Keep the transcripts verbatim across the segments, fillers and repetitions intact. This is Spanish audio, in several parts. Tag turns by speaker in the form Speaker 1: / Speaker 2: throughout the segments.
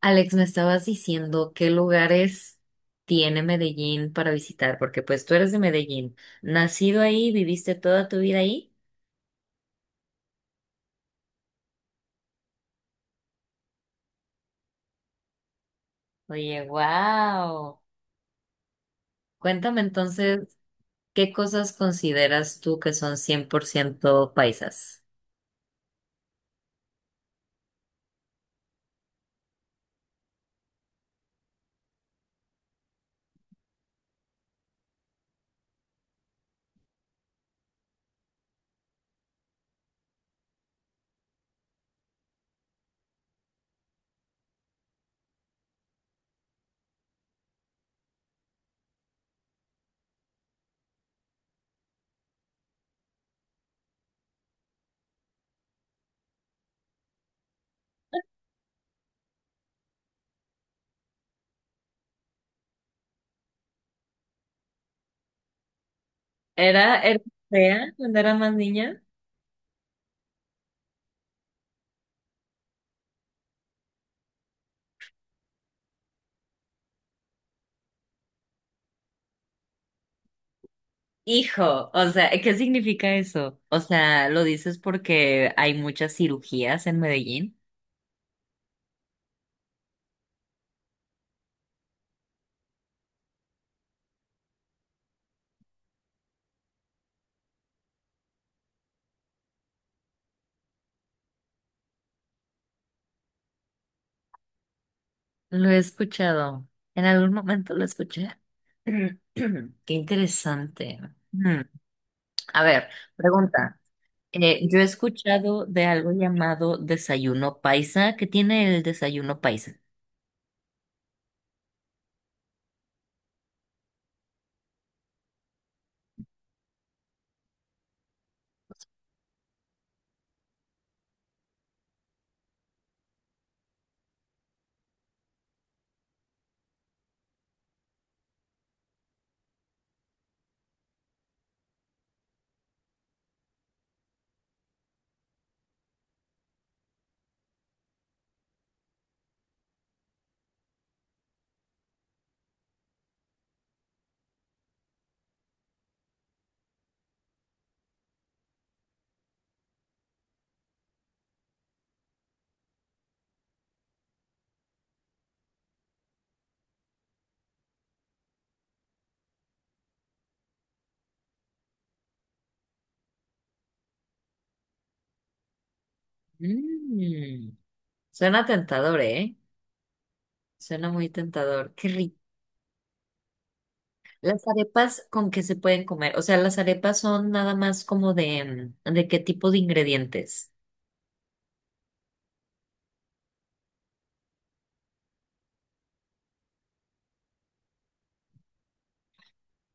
Speaker 1: Alex, me estabas diciendo qué lugares tiene Medellín para visitar, porque pues tú eres de Medellín, nacido ahí, viviste toda tu vida ahí. Oye, wow. Cuéntame entonces, ¿qué cosas consideras tú que son cien por ciento paisas? ¿Era, era fea cuando era más niña? Hijo, o sea, ¿qué significa eso? O sea, ¿lo dices porque hay muchas cirugías en Medellín? Lo he escuchado. En algún momento lo escuché. Qué interesante. Mm, A ver, pregunta. Eh, yo he escuchado de algo llamado desayuno paisa. ¿Qué tiene el desayuno paisa? Mm, Suena tentador, ¿eh? Suena muy tentador. Qué rico. ¿Las arepas con qué se pueden comer? O sea, las arepas son nada más como de, mm, ¿de qué tipo de ingredientes?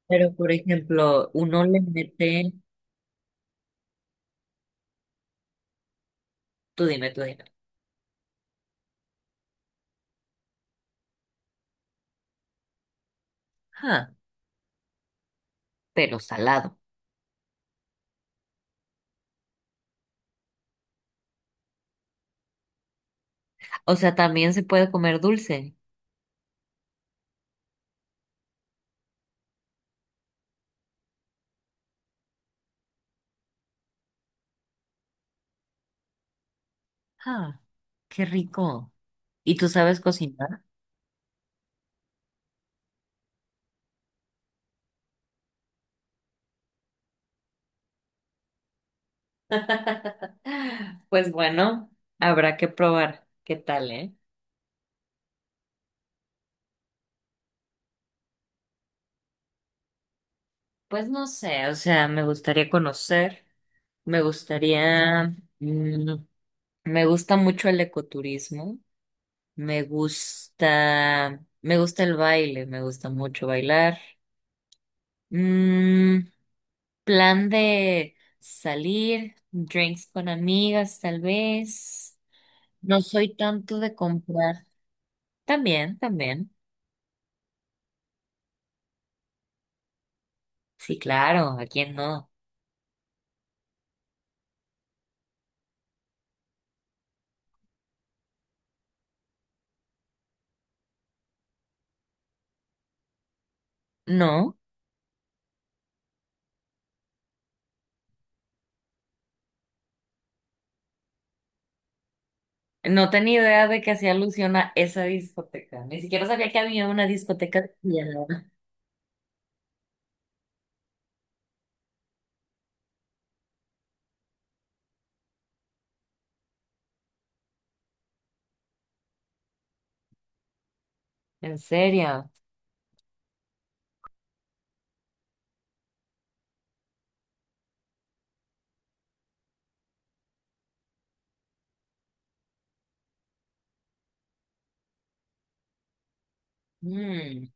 Speaker 1: Pero, por ejemplo, uno le mete, tú dime, tú dime. Pero salado. O sea, también se puede comer dulce. Ah, qué rico. ¿Y tú sabes cocinar? Pues bueno, habrá que probar. ¿Qué tal, eh? Pues no sé, o sea, me gustaría conocer, me gustaría, mm, me gusta, mucho el ecoturismo, me gusta, me gusta el baile, me gusta mucho bailar. Mm, plan de salir, drinks con amigas, tal vez. No soy tanto de comprar. También, también. Sí, claro, ¿a quién no? No, no tenía idea de que hacía alusión a esa discoteca. Ni siquiera sabía que había una discoteca de Villanueva. ¿En serio? Mm,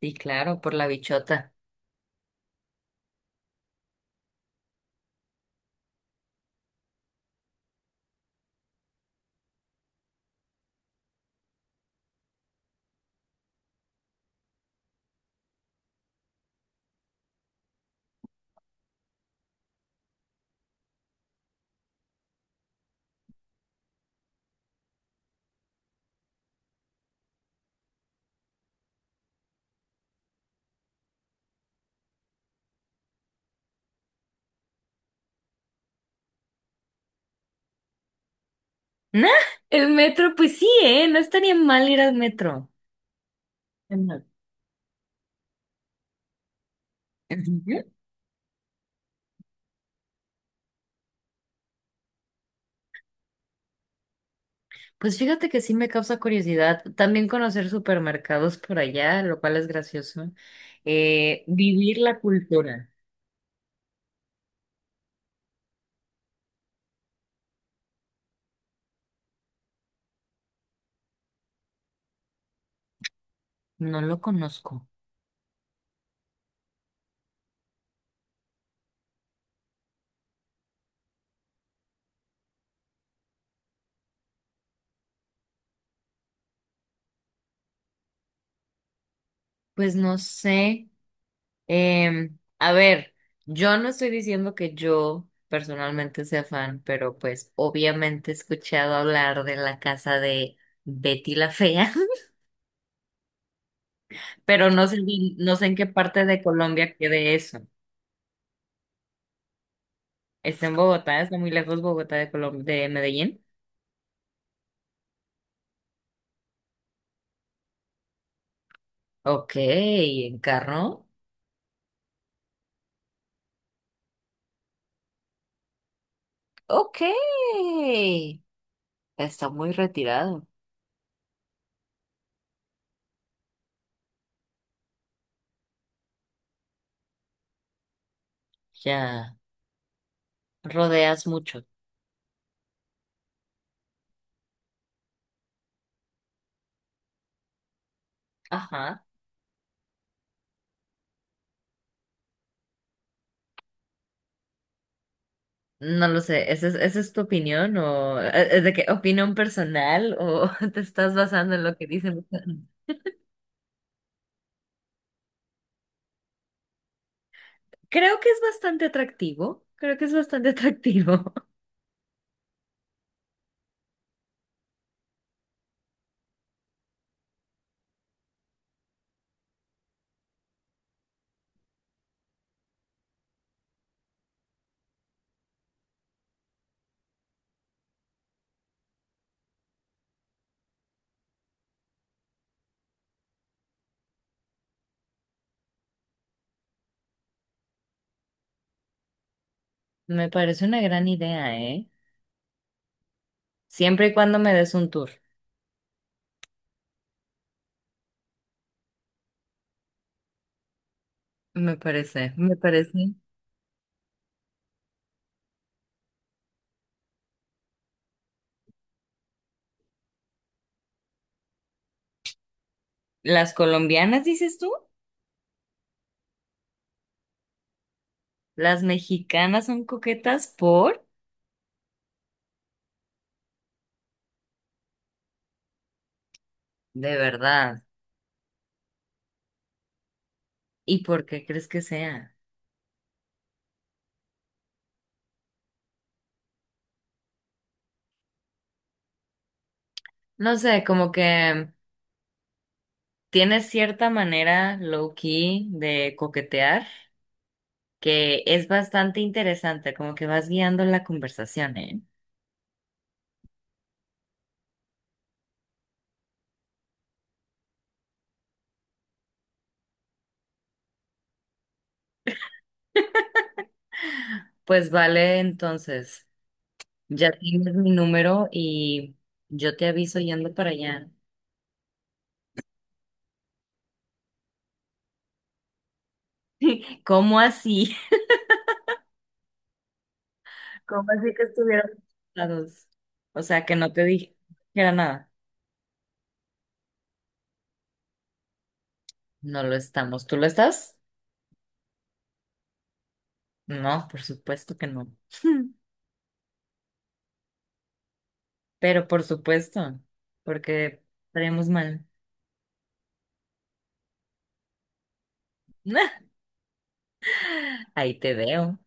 Speaker 1: sí, claro, por la bichota. Nah, el metro, pues sí, ¿eh? No estaría mal ir al metro. Ajá. ¿En serio? Pues fíjate que sí me causa curiosidad también conocer supermercados por allá, lo cual es gracioso. Eh, vivir la cultura, no lo conozco. Pues no sé. Em, a ver, yo no estoy diciendo que yo personalmente sea fan, pero pues obviamente he escuchado hablar de la casa de Betty la Fea, pero no sé, bien- no sé en qué parte de Colombia quede eso. Está en Bogotá, está muy lejos Bogotá de Colom- de Medellín. Ok, encarnó. Ok. Está muy retirado. Ya, rodeas mucho. Ajá. No lo sé, ¿esa es, esa es tu opinión o eh, eh, de qué opinión personal o te estás basando en lo que dicen? Creo que es bastante atractivo, creo que es bastante atractivo. Me parece una gran idea, ¿eh? Siempre y cuando me des un tour. Me parece, me parece. ¿Las colombianas, dices tú? ¿Las mexicanas son coquetas por? De verdad. ¿Y por qué crees que sea? No sé, como que tiene cierta manera low-key de coquetear que es bastante interesante, como que vas guiando la conversación, ¿eh? Pues vale, entonces, ya tienes mi número y yo te aviso yendo para allá. ¿Cómo así? ¿Cómo así que estuvieron juntados? O sea, que no te dije que era nada. No lo estamos. ¿Tú lo estás? No, por supuesto que no. Pero por supuesto, porque estaremos mal. Ahí te veo.